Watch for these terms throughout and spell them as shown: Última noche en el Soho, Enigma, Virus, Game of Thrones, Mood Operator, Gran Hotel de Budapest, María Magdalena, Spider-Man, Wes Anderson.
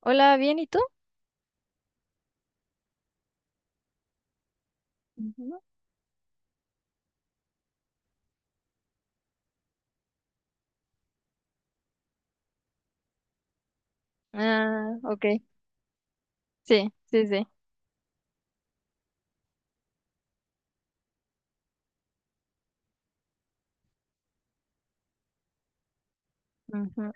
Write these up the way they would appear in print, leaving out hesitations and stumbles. Hola, ¿bien? ¿Y tú? Ujú. Ah, ok. Sí, sí, sí. Ujú,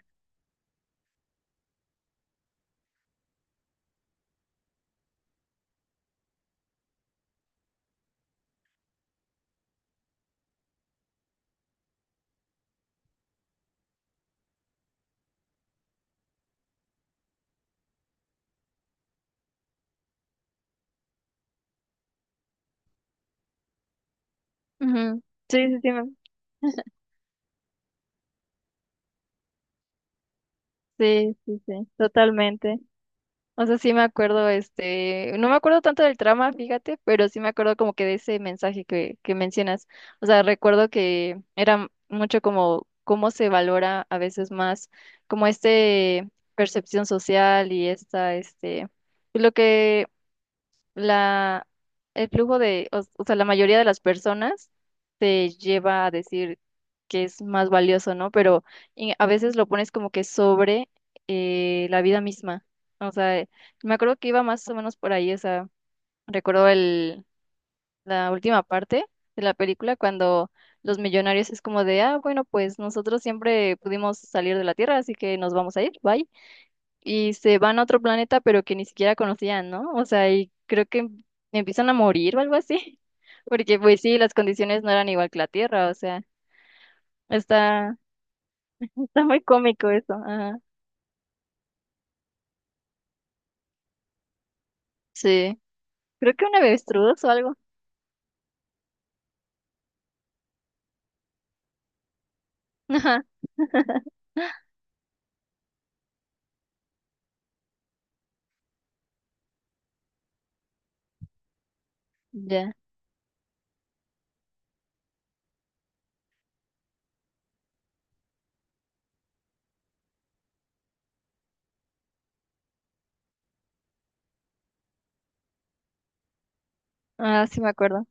ujú. Sí, sí, sí, sí, sí, sí, totalmente. O sea, sí me acuerdo, este, no me acuerdo tanto del trama, fíjate, pero sí me acuerdo como que de ese mensaje que mencionas. O sea, recuerdo que era mucho como cómo se valora a veces más como este percepción social y esta, este, lo que la, el flujo de, o sea, la mayoría de las personas te lleva a decir que es más valioso, ¿no? Pero y a veces lo pones como que sobre la vida misma. O sea, me acuerdo que iba más o menos por ahí, o sea, recuerdo el, la última parte de la película cuando los millonarios es como de: ah, bueno, pues nosotros siempre pudimos salir de la Tierra, así que nos vamos a ir, bye, y se van a otro planeta, pero que ni siquiera conocían, ¿no? O sea, y creo que empiezan a morir o algo así, porque pues sí, las condiciones no eran igual que la Tierra, o sea, está, está muy cómico eso, ajá, sí, creo que un avestruz o algo, ajá, ya, ah, sí me acuerdo,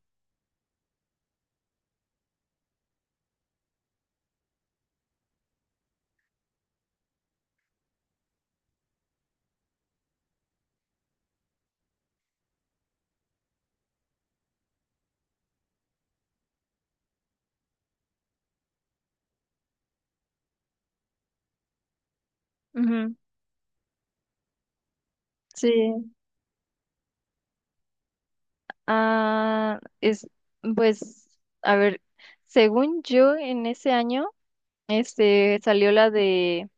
ujú, sí, ah, es, pues, a ver, según yo, en ese año, este, salió la de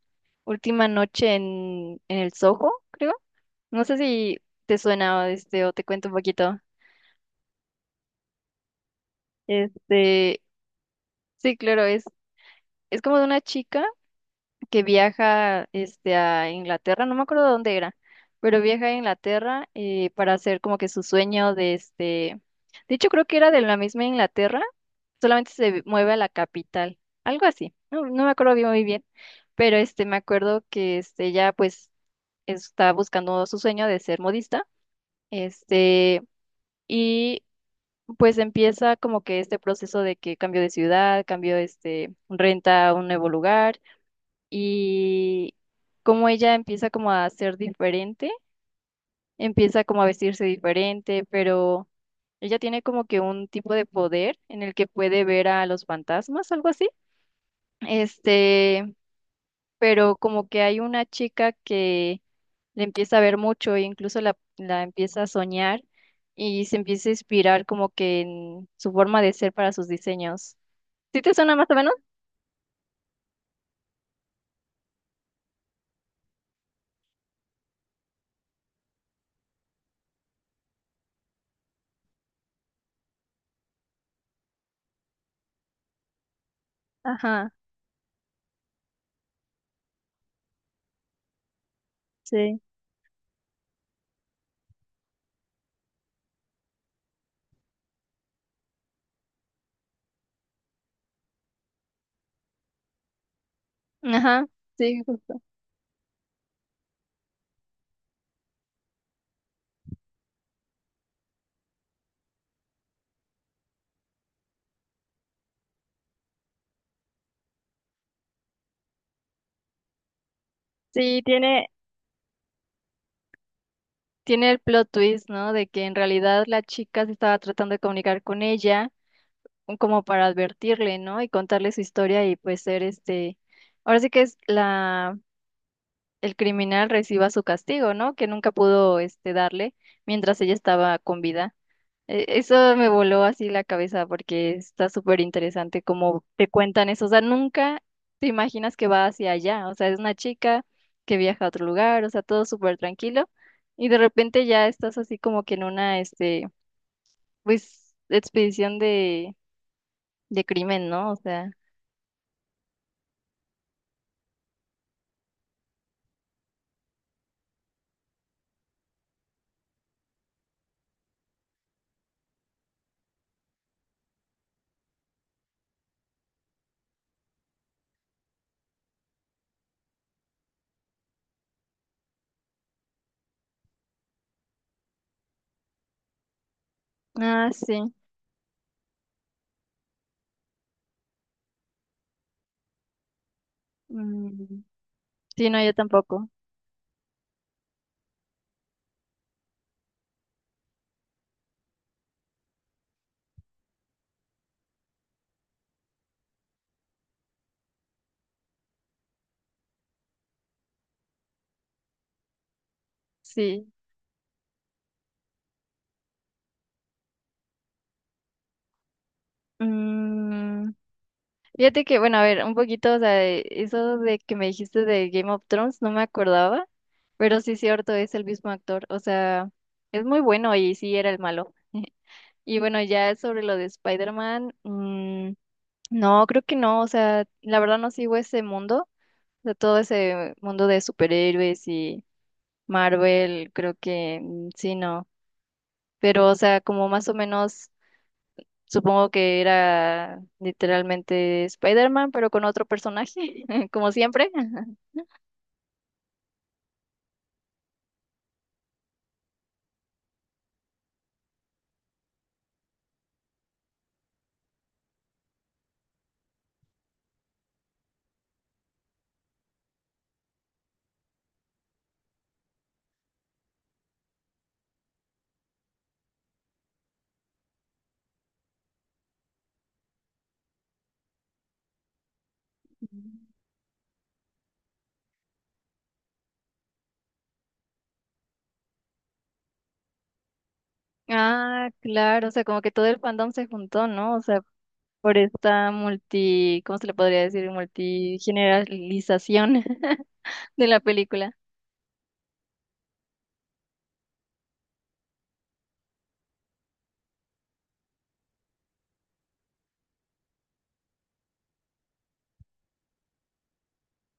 Última noche en el Soho, creo. No sé si te suena este, o te cuento un poquito. Este, sí, claro, es como de una chica que viaja este, a Inglaterra, no me acuerdo dónde era, pero viaja a Inglaterra para hacer como que su sueño de este. De hecho, creo que era de la misma Inglaterra, solamente se mueve a la capital, algo así. No, no me acuerdo bien muy bien, pero este, me acuerdo que este, ella pues está buscando su sueño de ser modista. Este, y pues empieza como que este proceso de que cambio de ciudad, cambio este, renta a un nuevo lugar y como ella empieza como a ser diferente, empieza como a vestirse diferente, pero ella tiene como que un tipo de poder en el que puede ver a los fantasmas, algo así. Este, pero como que hay una chica que le empieza a ver mucho e incluso la empieza a soñar y se empieza a inspirar como que en su forma de ser para sus diseños. ¿Sí te suena más o menos? Ajá, sí. Ajá, sí, justo. Sí, tiene, tiene el plot twist, ¿no? De que en realidad la chica se estaba tratando de comunicar con ella como para advertirle, ¿no? Y contarle su historia y pues ser este... Ahora sí que es la el criminal reciba su castigo, ¿no? Que nunca pudo este darle mientras ella estaba con vida. Eso me voló así la cabeza porque está súper interesante cómo te cuentan eso. O sea, nunca te imaginas que va hacia allá. O sea, es una chica que viaja a otro lugar, o sea, todo súper tranquilo. Y de repente ya estás así como que en una, este, pues, expedición de crimen, ¿no? O sea, ah, sí. Mm. Sí, no, yo tampoco. Sí. Mm. Fíjate que, bueno, a ver, un poquito, o sea, eso de que me dijiste de Game of Thrones, no me acordaba, pero sí es cierto, es el mismo actor, o sea, es muy bueno y sí era el malo. Y bueno, ya sobre lo de Spider-Man, no, creo que no, o sea, la verdad no sigo ese mundo, o sea, todo ese mundo de superhéroes y Marvel, creo que sí, no, pero, o sea, como más o menos... Supongo que era literalmente Spider-Man, pero con otro personaje, como siempre. Mm. Ah, claro, o sea, como que todo el fandom se juntó, ¿no? O sea, por esta multi, ¿cómo se le podría decir? Multigeneralización de la película.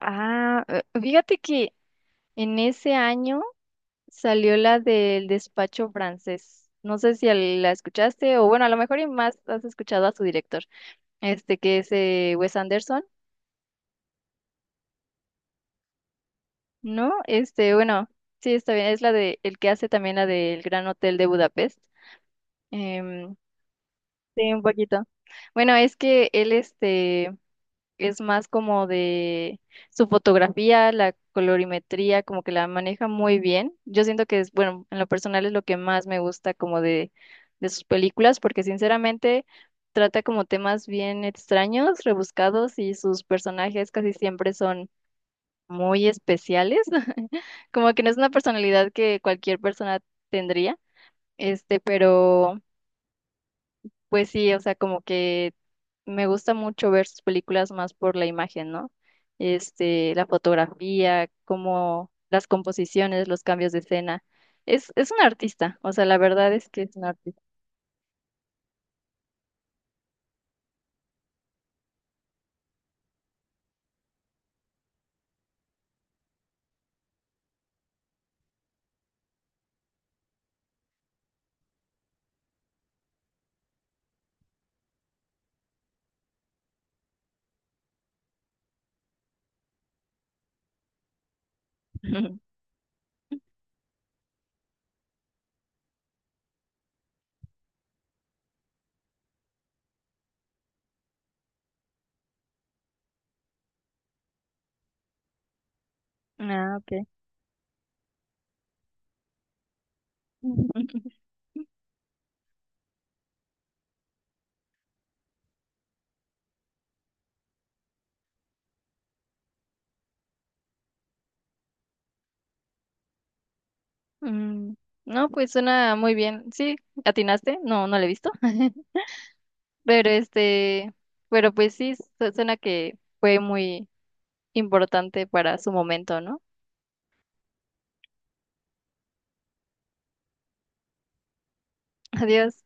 Ah, fíjate que en ese año salió la del despacho francés. No sé si la escuchaste, o bueno, a lo mejor y más has escuchado a su director, este que es Wes Anderson. No, este, bueno, sí, está bien. Es la de el que hace también la del Gran Hotel de Budapest. Em, sí, un poquito. Bueno, es que él, este, es más como de su fotografía, la colorimetría, como que la maneja muy bien. Yo siento que es, bueno, en lo personal es lo que más me gusta como de sus películas, porque sinceramente trata como temas bien extraños, rebuscados y sus personajes casi siempre son muy especiales, como que no es una personalidad que cualquier persona tendría, este, pero pues sí, o sea, como que me gusta mucho ver sus películas más por la imagen, ¿no? Este, la fotografía, como las composiciones, los cambios de escena. Es un artista, o sea, la verdad es que es un artista. Ah, ok. Mm, no, pues suena muy bien. Sí, ¿atinaste? No, no lo he visto. Pero este, pero pues sí, suena que fue muy importante para su momento, ¿no? Adiós.